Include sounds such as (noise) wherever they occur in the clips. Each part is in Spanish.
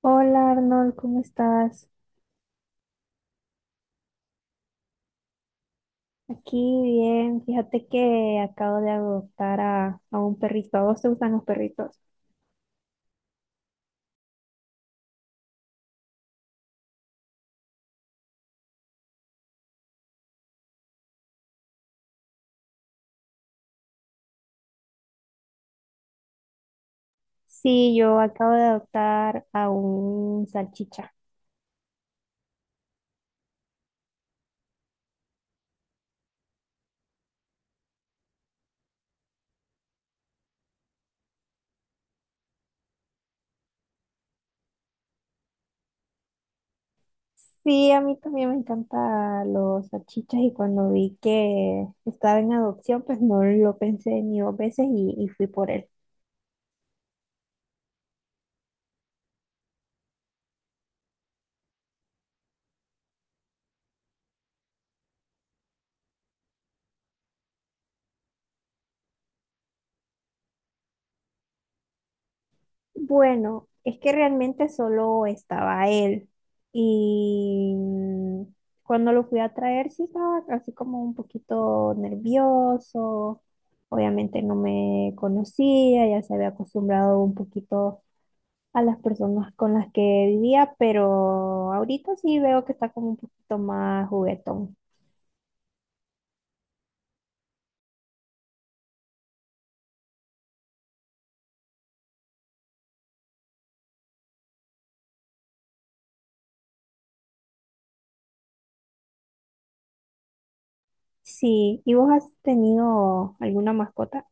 Hola Arnold, ¿cómo estás? Aquí bien, fíjate que acabo de adoptar a un perrito. ¿A vos te gustan los perritos? Sí, yo acabo de adoptar a un salchicha. Sí, a mí también me encantan los salchichas y cuando vi que estaba en adopción, pues no lo pensé ni dos veces y fui por él. Bueno, es que realmente solo estaba él. Y mm, cuando lo fui a traer, sí estaba así como un poquito nervioso. Obviamente no me conocía, ya se había acostumbrado un poquito a las personas con las que vivía, pero ahorita sí veo que está como un poquito más juguetón. Sí, ¿y vos has tenido alguna mascota?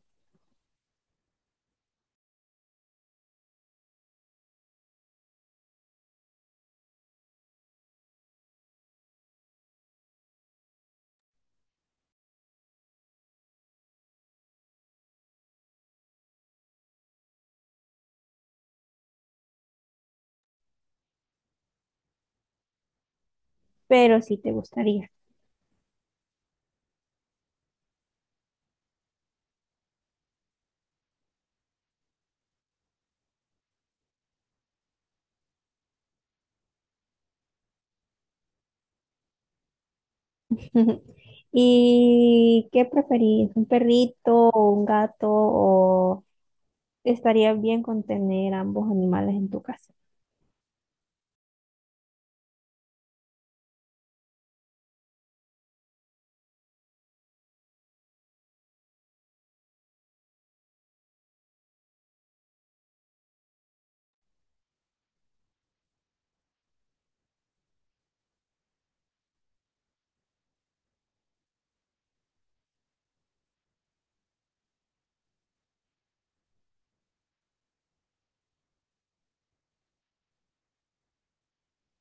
Pero sí te gustaría. Ujú. ¿Y qué preferís? ¿Un perrito o un gato? ¿O estaría bien con tener ambos animales en tu casa?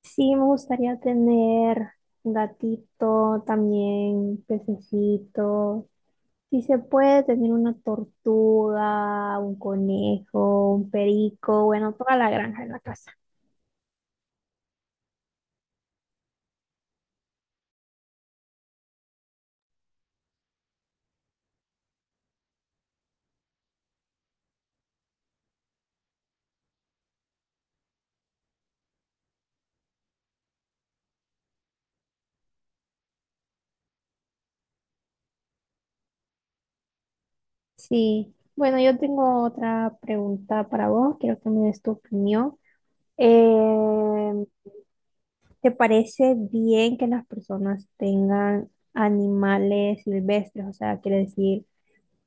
Sí, me gustaría tener un gatito, también pececito. Si se puede tener una tortuga, un conejo, un perico, bueno, toda la granja en la casa. Sí, bueno, yo tengo otra pregunta para vos, quiero que me des tu opinión. Eh, ¿Te parece bien que las personas tengan animales silvestres? O sea, quiere decir,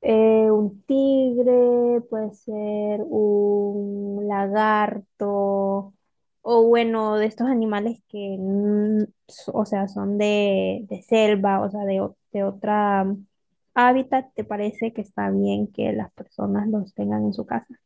un tigre, puede ser un lagarto, o bueno, de estos animales que, o sea, son de selva, o sea, de, o- de otra hábitat, ¿te parece que está bien que las personas los tengan en su casa?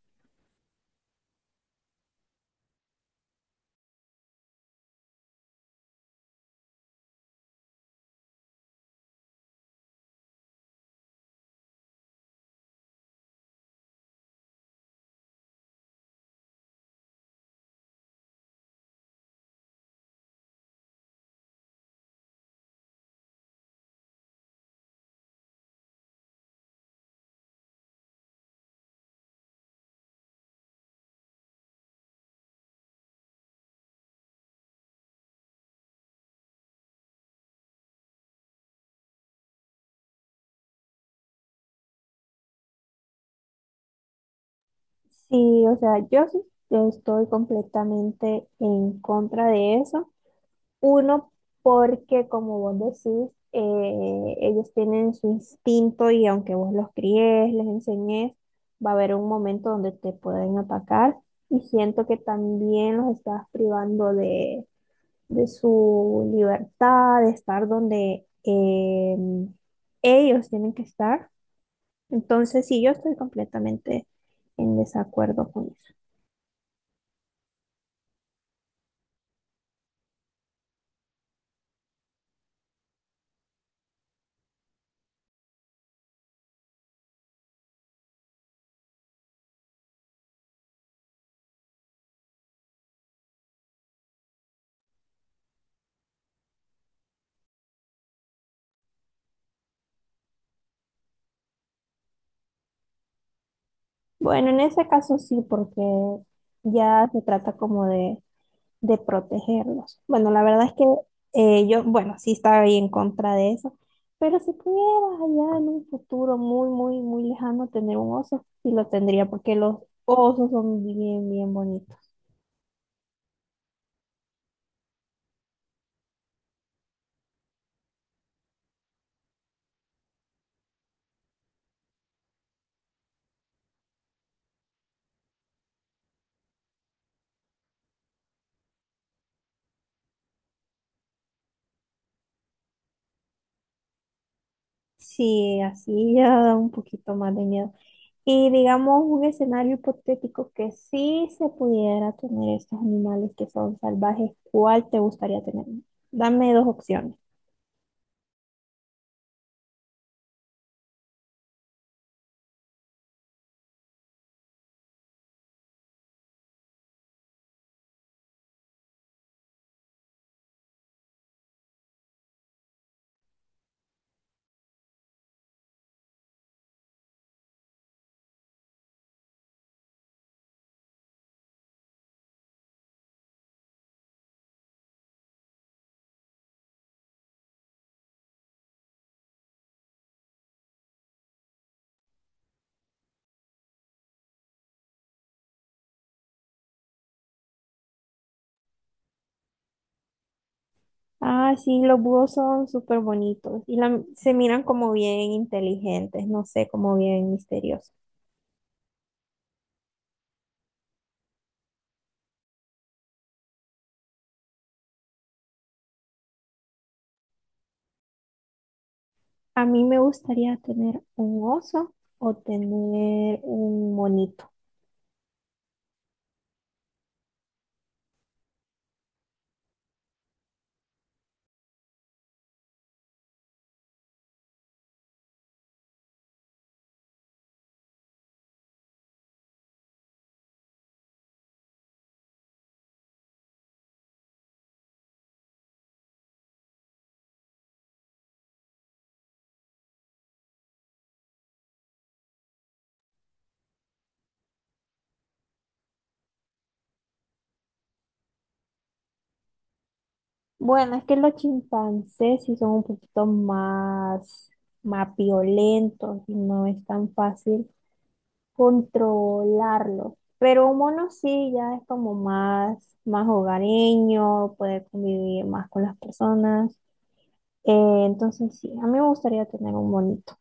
Sí, o sea, yo sí estoy completamente en contra de eso. Uno, porque como vos decís, ellos tienen su instinto y aunque vos los críes, les enseñes, va a haber un momento donde te pueden atacar. Y siento que también los estás privando de su libertad, de estar donde ellos tienen que estar. Entonces, sí, yo estoy completamente en desacuerdo con eso. Bueno, en ese caso sí, porque ya se trata como de protegerlos. Bueno, la verdad es que yo, bueno, sí estaba ahí en contra de eso, pero si pudieras allá en un futuro muy, muy, muy lejano tener un oso, sí lo tendría, porque los osos son bien, bien bonitos. Sí, así ya da un poquito más de miedo. Y digamos un escenario hipotético que sí se pudiera tener estos animales que son salvajes, ¿cuál te gustaría tener? Dame dos opciones. Ah, sí, los búhos son súper bonitos y la- se miran como bien inteligentes, no sé, como bien misteriosos. A mí me gustaría tener un oso o tener un monito. Bueno, es que los chimpancés sí son un poquito más, más violentos y no es tan fácil controlarlos. Pero un mono sí ya es como más, más hogareño, puede convivir más con las personas. Entonces sí, a mí me gustaría tener un bonito.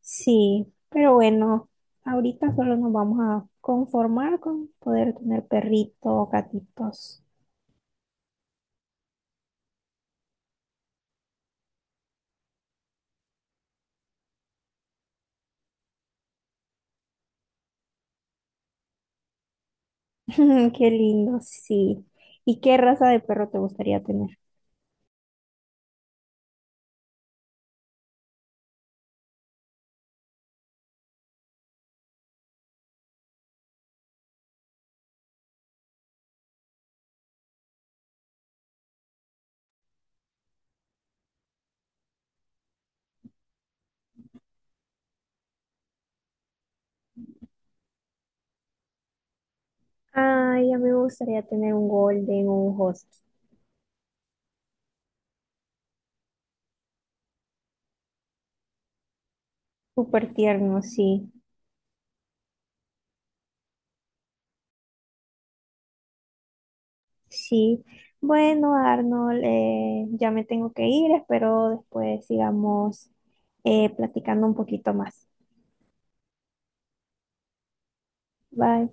Sí, pero bueno, ahorita solo nos vamos a conformar con poder tener perrito o gatitos. (laughs) Qué lindo, sí. ¿Y qué raza de perro te gustaría tener? Ay, a mí me gustaría tener un golden o un husky. Súper tierno, sí. Sí. Bueno, Arnold, ya me tengo que ir. Espero después sigamos platicando un poquito más. Bye.